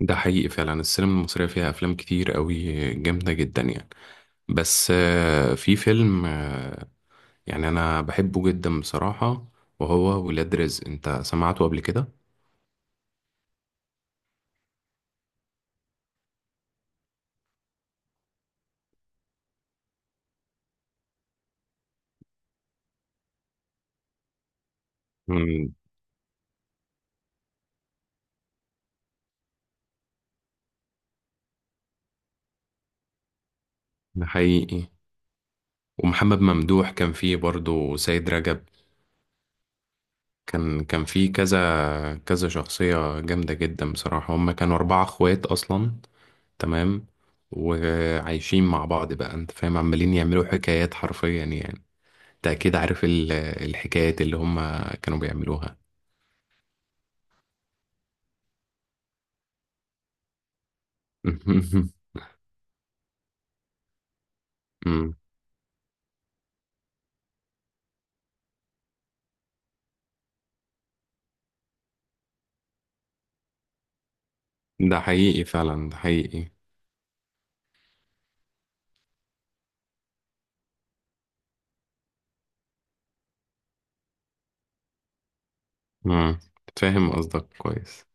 ده حقيقي فعلا السينما المصرية فيها أفلام كتير قوي جامدة جدا يعني. بس في فيلم يعني أنا بحبه جدا بصراحة. وهو ولاد رزق، أنت سمعته قبل كده؟ مم. ده حقيقي. ومحمد ممدوح كان فيه برضه سيد رجب. كان فيه كذا كذا شخصية جامدة جدا بصراحة، هما كانوا أربعة أخوات أصلا. تمام. وعايشين مع بعض بقى أنت فاهم، عمالين يعملوا حكايات حرفيا يعني. انت اكيد عارف الحكايات اللي هم كانوا بيعملوها. أمم. ده حقيقي فعلا، ده حقيقي. أمم. فاهم قصدك كويس.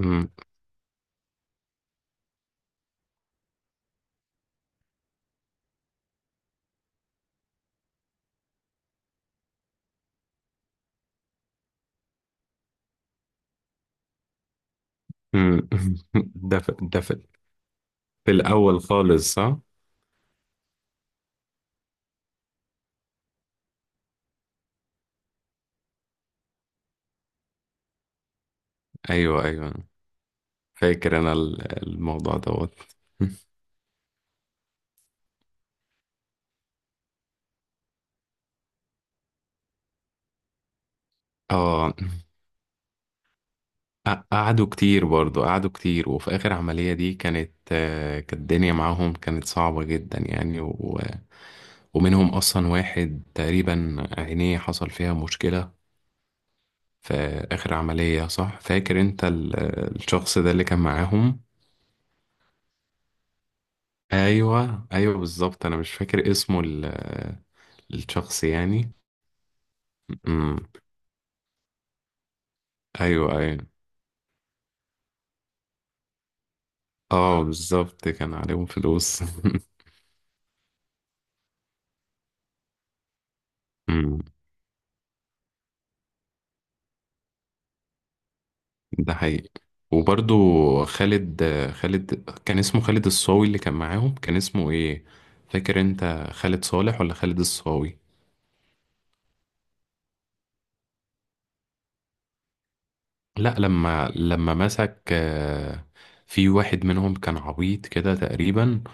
أمم. أمم. ده في ده في في الاول خالص، صح. ايوه ايوه، فاكر انا الموضوع دوت. اه. قعدوا كتير برضو، قعدوا كتير، وفي اخر عملية دي كانت كانت الدنيا معاهم كانت صعبة جدا يعني و... ومنهم اصلا واحد تقريبا عينيه حصل فيها مشكلة في آخر عملية، صح. فاكر انت الشخص ده اللي كان معاهم. ايوه ايوه بالظبط، انا مش فاكر اسمه الشخص يعني. امم. ايوه ايوه. اه بالظبط، كان عليهم فلوس. امم. ده حقيقي. وبرضو خالد، خالد كان اسمه خالد الصاوي؟ اللي كان معاهم كان اسمه ايه؟ فاكر انت خالد صالح ولا خالد الصاوي؟ لا، لما مسك في واحد منهم كان عبيط كده تقريبا،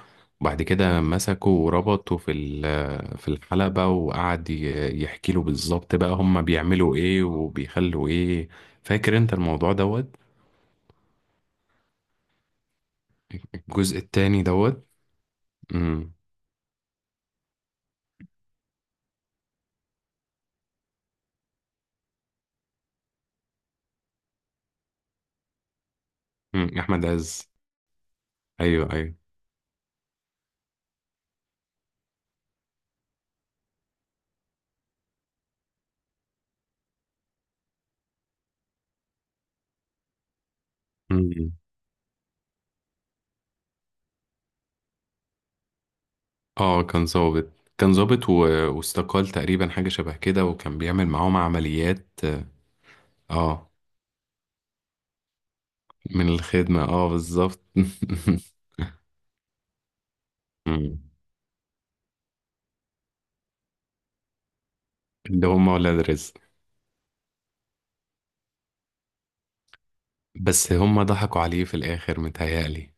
وبعد كده مسكه وربطه في في الحلبة، وقعد يحكي له بالظبط بقى هم بيعملوا ايه وبيخلوا ايه. فاكر انت الموضوع دوت. الجزء التاني دوت. امم. أمم، احمد عز. ايوه ايوه. أمم. اه كان ظابط، كان ظابط واستقال تقريبا، حاجة شبه كده، وكان بيعمل معاهم عمليات. اه من الخدمة، اه بالظبط. مم. ده هم ولاد رزق. بس هم ضحكوا عليه في الآخر متهيألي.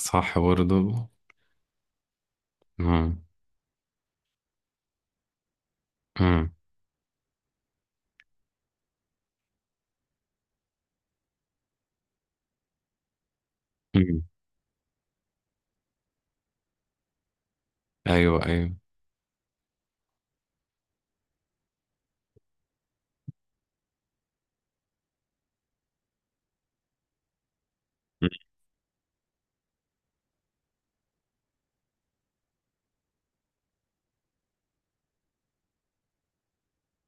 صح برضه. مم. مم. مم. أيوه أيوه. مم.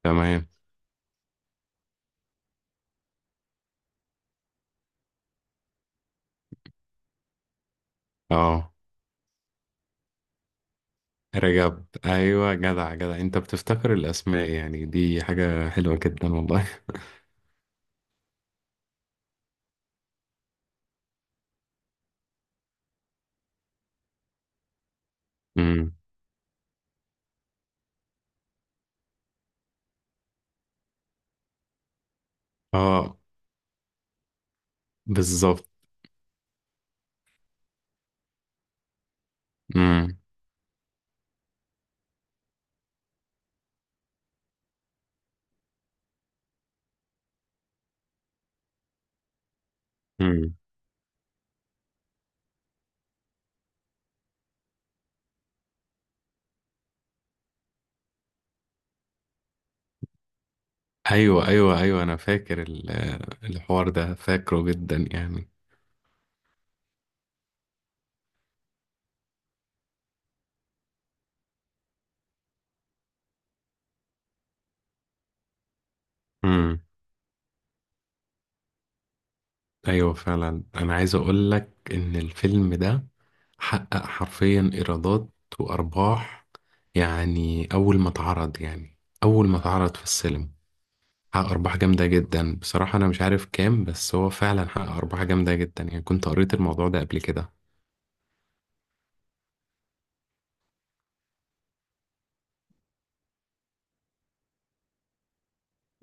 تمام. اه. رجب، أيوه. جدع جدع، أنت بتفتكر الأسماء يعني، دي حاجة حلوة جدا والله. مم. اه بالظبط. مم. مم. أيوه أيوه أيوه، أنا فاكر الحوار ده، فاكره جدا يعني. ايوه فعلا، انا عايز اقول لك ان الفيلم ده حقق حرفيا ايرادات وارباح، يعني اول ما اتعرض، يعني اول ما اتعرض في السينما حقق ارباح جامده جدا بصراحه. انا مش عارف كام، بس هو فعلا حقق ارباح جامده جدا يعني، كنت قريت الموضوع ده قبل كده.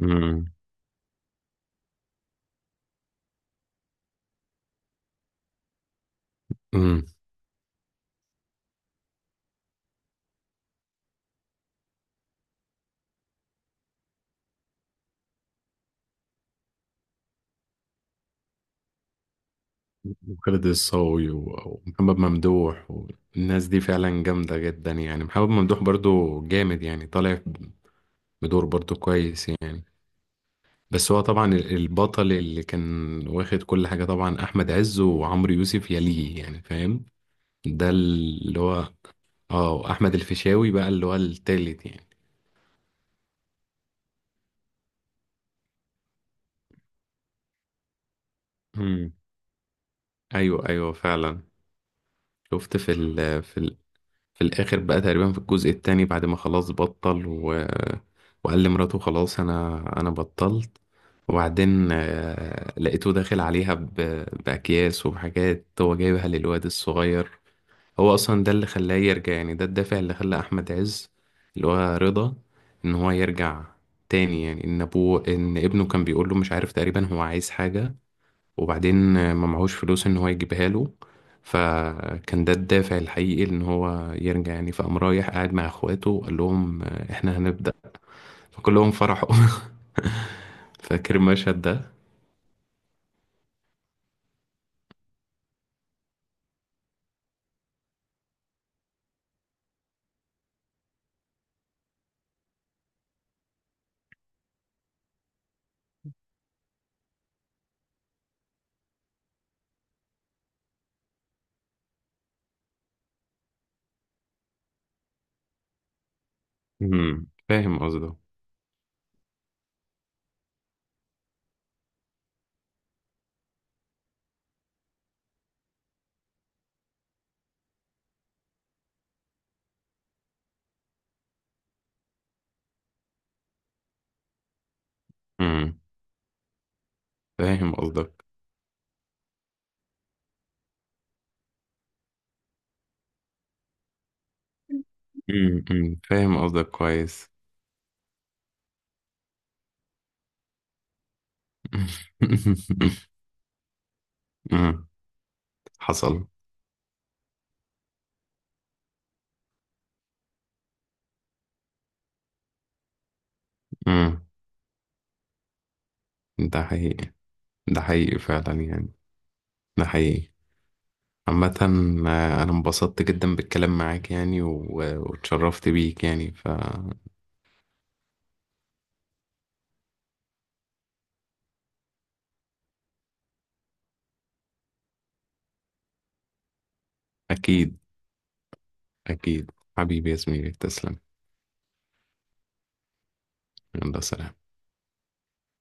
امم. امم. وخالد الصاوي ومحمد ممدوح والناس دي فعلا جامده جدا يعني. محمد ممدوح برضو جامد يعني، طالع بدور برضو كويس يعني. بس هو طبعا البطل اللي كان واخد كل حاجة طبعا أحمد عز، وعمرو يوسف يليه يعني فاهم. ده اللي هو اه أحمد الفيشاوي بقى اللي هو التالت يعني. امم. أيوه أيوه فعلا. شفت في الآخر بقى تقريبا، في الجزء التاني، بعد ما خلاص بطل و... وقال لمراته خلاص أنا بطلت. وبعدين لقيته داخل عليها ب... بأكياس وبحاجات هو جايبها للواد الصغير. هو اصلا ده اللي خلاه يرجع، يعني ده الدافع اللي خلى احمد عز، اللي هو رضا، ان هو يرجع تاني يعني. ان ابوه، ان ابنه كان بيقول له مش عارف تقريبا هو عايز حاجة، وبعدين ما معهوش فلوس ان هو يجيبها له، فكان ده الدافع الحقيقي ان هو يرجع يعني. فقام رايح قاعد مع اخواته وقال لهم احنا هنبدأ، فكلهم فرحوا. فاكر المشهد ده. فاهم قصده. امم فاهم قصدك. أمم، فاهم قصدك كويس. أمم. حصل. أمم. ده حقيقي. ده حقيقي فعلا يعني، ده حقيقي. عامة أنا انبسطت جدا بالكلام معاك يعني، واتشرفت بيك يعني، فأكيد. أكيد. حبيبي يا زميلي تسلم. يلا سلام.